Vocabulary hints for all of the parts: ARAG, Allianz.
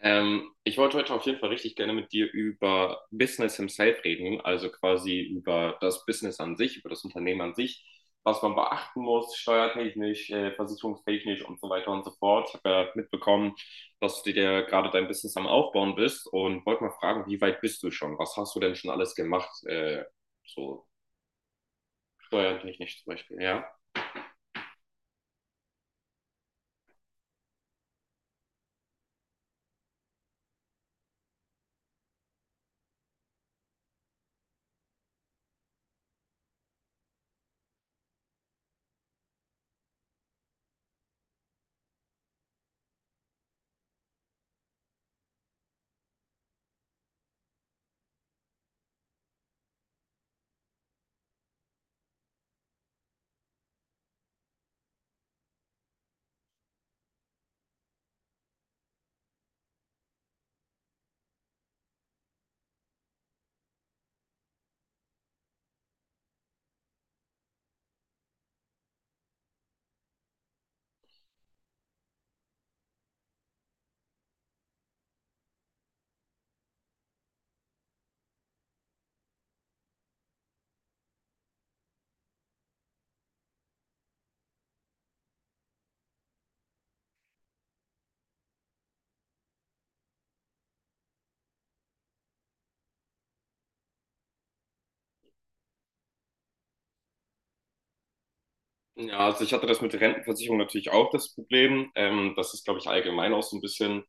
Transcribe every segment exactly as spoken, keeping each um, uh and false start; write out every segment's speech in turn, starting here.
Ähm, ich wollte heute auf jeden Fall richtig gerne mit dir über Business himself reden, also quasi über das Business an sich, über das Unternehmen an sich, was man beachten muss, steuertechnisch, äh, versicherungstechnisch und so weiter und so fort. Ich habe ja mitbekommen, dass du dir gerade dein Business am Aufbauen bist und wollte mal fragen, wie weit bist du schon? Was hast du denn schon alles gemacht? Äh, so steuertechnisch zum Beispiel, ja? Ja, also ich hatte das mit der Rentenversicherung natürlich auch das Problem. Ähm, das ist, glaube ich, allgemein auch so ein bisschen,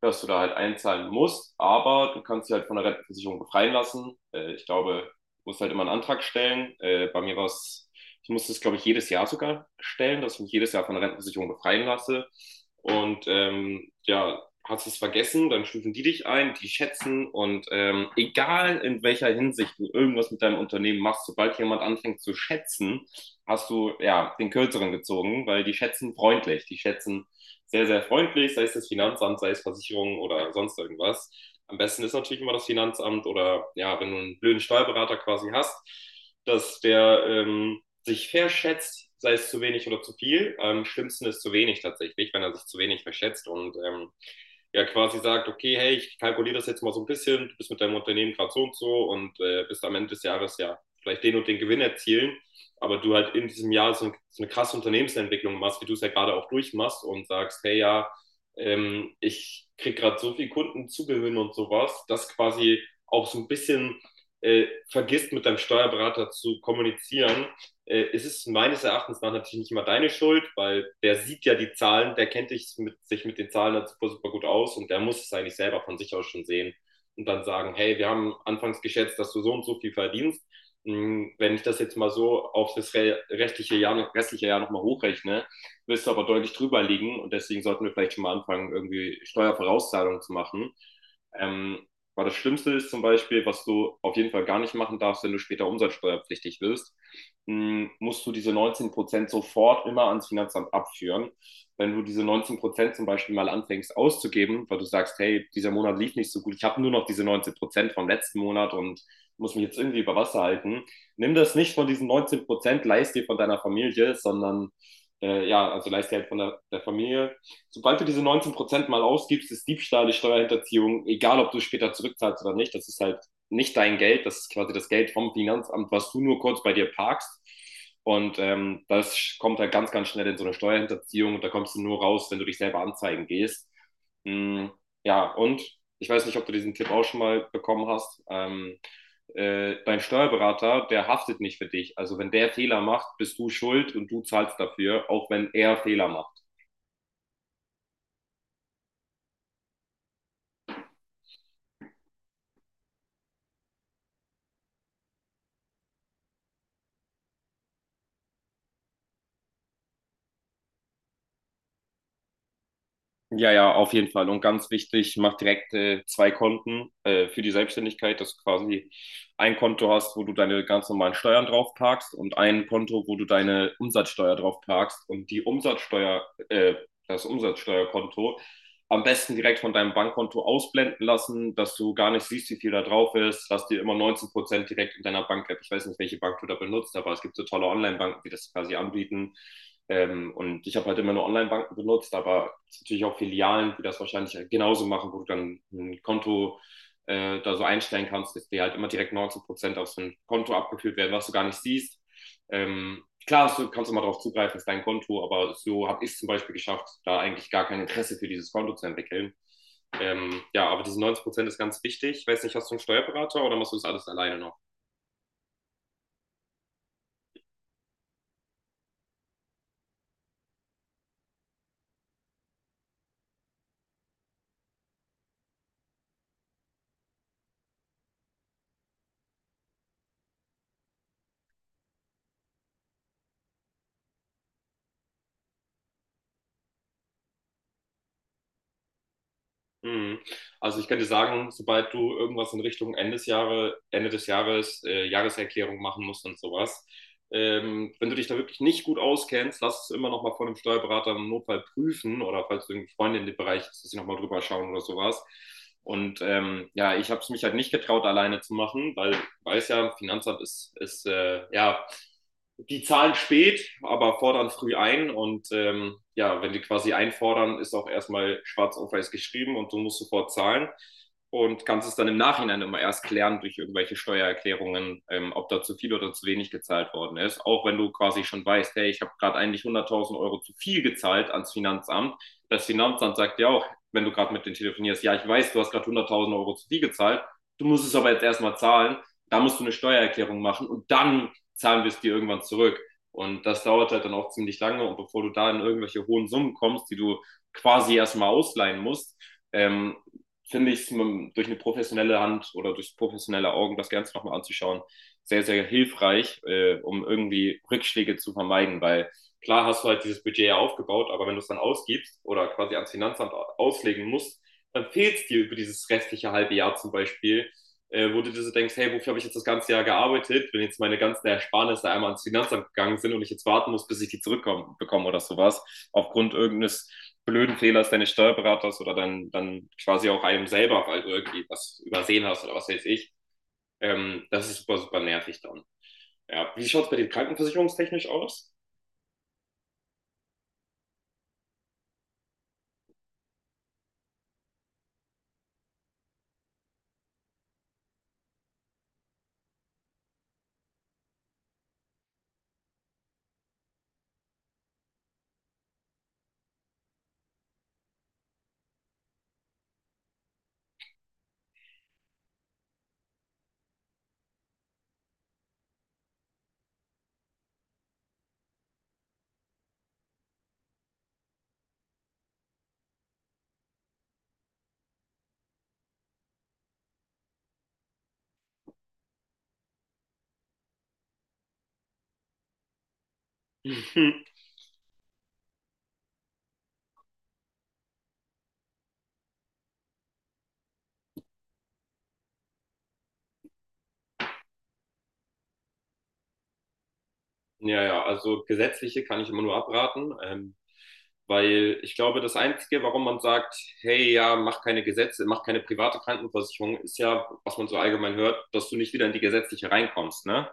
dass du da halt einzahlen musst, aber du kannst dich halt von der Rentenversicherung befreien lassen. Äh, ich glaube, du musst halt immer einen Antrag stellen. Äh, bei mir war es, ich musste es, glaube ich, jedes Jahr sogar stellen, dass ich mich jedes Jahr von der Rentenversicherung befreien lasse. Und ähm, ja, hast es vergessen, dann stufen die dich ein, die schätzen, und ähm, egal in welcher Hinsicht du irgendwas mit deinem Unternehmen machst, sobald jemand anfängt zu schätzen, hast du ja den kürzeren gezogen, weil die schätzen freundlich. Die schätzen sehr, sehr freundlich, sei es das Finanzamt, sei es Versicherungen oder sonst irgendwas. Am besten ist natürlich immer das Finanzamt oder ja, wenn du einen blöden Steuerberater quasi hast, dass der ähm, sich verschätzt, sei es zu wenig oder zu viel. Am schlimmsten ist zu wenig tatsächlich, wenn er sich zu wenig verschätzt, und ähm, ja, quasi sagt, okay, hey, ich kalkuliere das jetzt mal so ein bisschen, du bist mit deinem Unternehmen gerade so und so, und äh, bist am Ende des Jahres ja vielleicht den und den Gewinn erzielen, aber du halt in diesem Jahr so, ein, so eine krasse Unternehmensentwicklung machst, wie du es ja gerade auch durchmachst, und sagst, hey, ja, ähm, ich kriege gerade so viel Kunden zugewinn und sowas, dass quasi auch so ein bisschen äh, vergisst, mit deinem Steuerberater zu kommunizieren, äh, ist es ist meines Erachtens nach natürlich nicht immer deine Schuld, weil der sieht ja die Zahlen, der kennt dich mit, sich mit den Zahlen halt super, super gut aus und der muss es eigentlich selber von sich aus schon sehen und dann sagen, hey, wir haben anfangs geschätzt, dass du so und so viel verdienst. hm, Wenn ich das jetzt mal so auf das restliche Jahr, restliche Jahr nochmal hochrechne, wirst du aber deutlich drüber liegen, und deswegen sollten wir vielleicht schon mal anfangen, irgendwie Steuervorauszahlungen zu machen. Ähm, Weil das Schlimmste ist zum Beispiel, was du auf jeden Fall gar nicht machen darfst, wenn du später umsatzsteuerpflichtig wirst, mh, musst du diese neunzehn Prozent sofort immer ans Finanzamt abführen. Wenn du diese neunzehn Prozent zum Beispiel mal anfängst auszugeben, weil du sagst, hey, dieser Monat lief nicht so gut, ich habe nur noch diese neunzehn Prozent vom letzten Monat und muss mich jetzt irgendwie über Wasser halten. Nimm das nicht von diesen neunzehn Prozent, leist dir von deiner Familie, sondern äh, ja, also leist dir halt von der, der Familie. Sobald du diese neunzehn Prozent mal ausgibst, ist Diebstahl, ist Steuerhinterziehung, egal ob du später zurückzahlst oder nicht, das ist halt nicht dein Geld, das ist quasi das Geld vom Finanzamt, was du nur kurz bei dir parkst. Und ähm, das kommt halt ganz, ganz schnell in so eine Steuerhinterziehung, und da kommst du nur raus, wenn du dich selber anzeigen gehst. Mm, ja, und ich weiß nicht, ob du diesen Tipp auch schon mal bekommen hast. Ähm, äh, dein Steuerberater, der haftet nicht für dich. Also wenn der Fehler macht, bist du schuld, und du zahlst dafür, auch wenn er Fehler macht. Ja, ja, auf jeden Fall. Und ganz wichtig, mach direkt äh, zwei Konten äh, für die Selbstständigkeit, dass du quasi ein Konto hast, wo du deine ganz normalen Steuern drauf parkst, und ein Konto, wo du deine Umsatzsteuer drauf parkst, und die Umsatzsteuer, äh, das Umsatzsteuerkonto am besten direkt von deinem Bankkonto ausblenden lassen, dass du gar nicht siehst, wie viel da drauf ist. Lass dir immer neunzehn Prozent direkt in deiner Bank-App. Ich weiß nicht, welche Bank du da benutzt, aber es gibt so tolle Online-Banken, die das quasi anbieten. Ähm, und ich habe halt immer nur Online-Banken benutzt, aber es gibt natürlich auch Filialen, die das wahrscheinlich halt genauso machen, wo du dann ein Konto äh, da so einstellen kannst, dass dir halt immer direkt neunzehn Prozent auf so ein Konto abgeführt werden, was du gar nicht siehst. Ähm, klar, du kannst immer darauf zugreifen, das ist dein Konto, aber so habe ich es zum Beispiel geschafft, da eigentlich gar kein Interesse für dieses Konto zu entwickeln. Ähm, ja, aber diese neunzig Prozent ist ganz wichtig. Ich weiß nicht, hast du einen Steuerberater oder machst du das alles alleine noch? Mhm. Also ich könnte sagen, sobald du irgendwas in Richtung Ende des Jahres, Ende des Jahres, äh, Jahreserklärung machen musst und sowas, ähm, wenn du dich da wirklich nicht gut auskennst, lass es immer noch mal von einem Steuerberater im Notfall prüfen, oder falls du irgendwie Freunde in dem Bereich ist, dass sie noch mal drüber schauen oder sowas. Und ähm, ja, ich habe es mich halt nicht getraut, alleine zu machen, weil ich weiß ja, Finanzamt ist, ist äh, ja, die zahlen spät, aber fordern früh ein. Und ähm, ja, wenn die quasi einfordern, ist auch erstmal schwarz auf weiß geschrieben und du musst sofort zahlen und kannst es dann im Nachhinein immer erst klären durch irgendwelche Steuererklärungen, ähm, ob da zu viel oder zu wenig gezahlt worden ist. Auch wenn du quasi schon weißt, hey, ich habe gerade eigentlich hunderttausend Euro zu viel gezahlt ans Finanzamt. Das Finanzamt sagt ja auch, wenn du gerade mit denen telefonierst, ja, ich weiß, du hast gerade hunderttausend Euro zu viel gezahlt, du musst es aber jetzt erstmal zahlen. Da musst du eine Steuererklärung machen und dann zahlen wir es dir irgendwann zurück. Und das dauert halt dann auch ziemlich lange. Und bevor du da in irgendwelche hohen Summen kommst, die du quasi erstmal ausleihen musst, ähm, finde ich es durch eine professionelle Hand oder durch professionelle Augen das Ganze nochmal anzuschauen, sehr, sehr hilfreich, äh, um irgendwie Rückschläge zu vermeiden. Weil klar hast du halt dieses Budget ja aufgebaut, aber wenn du es dann ausgibst oder quasi ans Finanzamt auslegen musst, dann fehlt es dir über dieses restliche halbe Jahr zum Beispiel, äh, wo du dir so denkst, hey, wofür habe ich jetzt das ganze Jahr gearbeitet, wenn jetzt meine ganzen Ersparnisse einmal ans Finanzamt gegangen sind und ich jetzt warten muss, bis ich die zurückbekomme oder sowas, aufgrund irgendeines blöden Fehlers deines Steuerberaters, oder dann, dann quasi auch einem selber, weil du irgendwie was übersehen hast oder was weiß ich. Ähm, das ist super, super nervig dann. Ja. Wie schaut es bei dir krankenversicherungstechnisch aus? ja, ja, also gesetzliche kann ich immer nur abraten. Ähm, Weil ich glaube, das Einzige, warum man sagt, hey, ja, mach keine Gesetze, mach keine private Krankenversicherung, ist ja, was man so allgemein hört, dass du nicht wieder in die gesetzliche reinkommst, ne?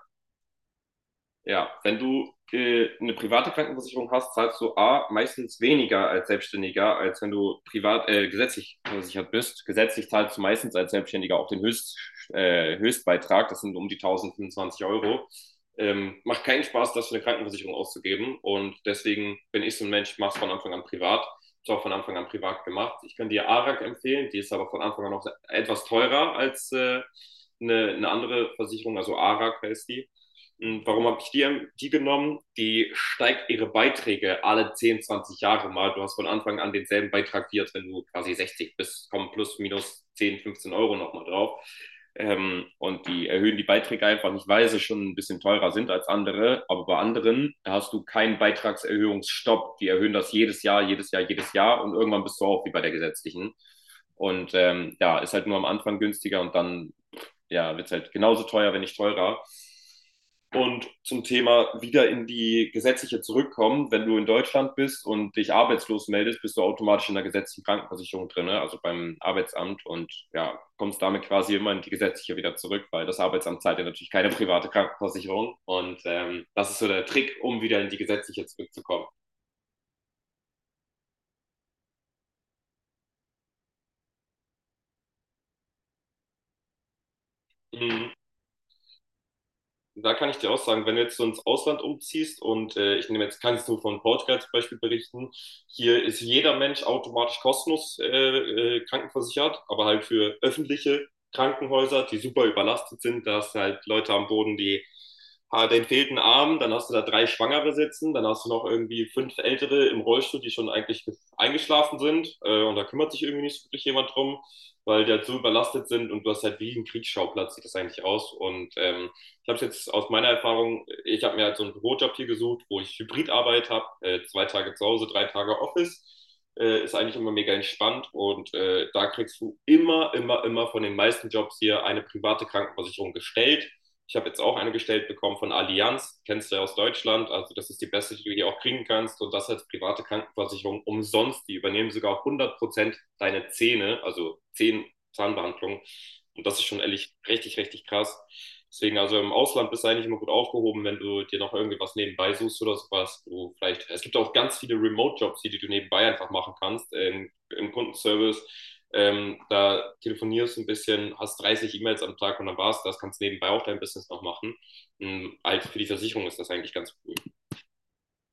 Ja, wenn du äh, eine private Krankenversicherung hast, zahlst du A, meistens weniger als Selbstständiger, als wenn du privat, äh, gesetzlich versichert bist. Gesetzlich zahlst du meistens als Selbstständiger auch den Höchst, äh, Höchstbeitrag, das sind um die tausendfünfundzwanzig Euro. Ähm, macht keinen Spaß, das für eine Krankenversicherung auszugeben, und deswegen bin ich so ein Mensch, mach's von Anfang an privat. Ist auch von Anfang an privat gemacht. Ich kann dir ARAG empfehlen, die ist aber von Anfang an noch etwas teurer als äh, eine, eine andere Versicherung, also ARAG heißt die. Hm, warum habe ich die, die genommen? Die steigt ihre Beiträge alle zehn, zwanzig Jahre mal. Du hast von Anfang an denselben Beitrag wie jetzt, wenn du quasi sechzig bist, kommen plus, minus zehn, fünfzehn Euro nochmal drauf. Ähm, und die erhöhen die Beiträge einfach nicht, weil sie schon ein bisschen teurer sind als andere. Aber bei anderen hast du keinen Beitragserhöhungsstopp. Die erhöhen das jedes Jahr, jedes Jahr, jedes Jahr, und irgendwann bist du auch wie bei der gesetzlichen. Und ähm, ja, ist halt nur am Anfang günstiger und dann ja, wird es halt genauso teuer, wenn nicht teurer. Und zum Thema wieder in die gesetzliche zurückkommen, wenn du in Deutschland bist und dich arbeitslos meldest, bist du automatisch in der gesetzlichen Krankenversicherung drin, ne? Also beim Arbeitsamt, und ja, kommst damit quasi immer in die gesetzliche wieder zurück, weil das Arbeitsamt zahlt ja natürlich keine private Krankenversicherung. Und ähm, das ist so der Trick, um wieder in die gesetzliche zurückzukommen. Mhm. Da kann ich dir auch sagen, wenn du jetzt so ins Ausland umziehst und äh, ich nehme jetzt, kann jetzt nur von Portugal zum Beispiel berichten, hier ist jeder Mensch automatisch kostenlos äh, äh, krankenversichert, aber halt für öffentliche Krankenhäuser, die super überlastet sind. Da hast du halt Leute am Boden, die ah, den fehlten Arm, dann hast du da drei Schwangere sitzen, dann hast du noch irgendwie fünf Ältere im Rollstuhl, die schon eigentlich ge- eingeschlafen sind, äh, und da kümmert sich irgendwie nicht wirklich jemand drum, weil die halt so überlastet sind, und du hast halt wie ein Kriegsschauplatz, sieht das eigentlich aus. Und ähm, ich habe es jetzt aus meiner Erfahrung, ich habe mir halt so einen Bürojob hier gesucht, wo ich Hybridarbeit habe, äh, zwei Tage zu Hause, drei Tage Office. Äh, ist eigentlich immer mega entspannt, und äh, da kriegst du immer, immer, immer von den meisten Jobs hier eine private Krankenversicherung gestellt. Ich habe jetzt auch eine gestellt bekommen von Allianz, kennst du ja aus Deutschland, also das ist die beste, die du hier auch kriegen kannst, und das als private Krankenversicherung umsonst. Die übernehmen sogar hundert Prozent deine Zähne, also Zehn Zahnbehandlungen, und das ist schon ehrlich richtig, richtig krass. Deswegen, also im Ausland bist du eigentlich immer gut aufgehoben, wenn du dir noch irgendwie was nebenbei suchst oder sowas. Wo vielleicht, es gibt auch ganz viele Remote-Jobs, die, die du nebenbei einfach machen kannst. Ähm, Im Kundenservice, ähm, da telefonierst du ein bisschen, hast dreißig E-Mails am Tag, und dann war's das. Kannst nebenbei auch dein Business noch machen. Ähm, also für die Versicherung ist das eigentlich ganz cool.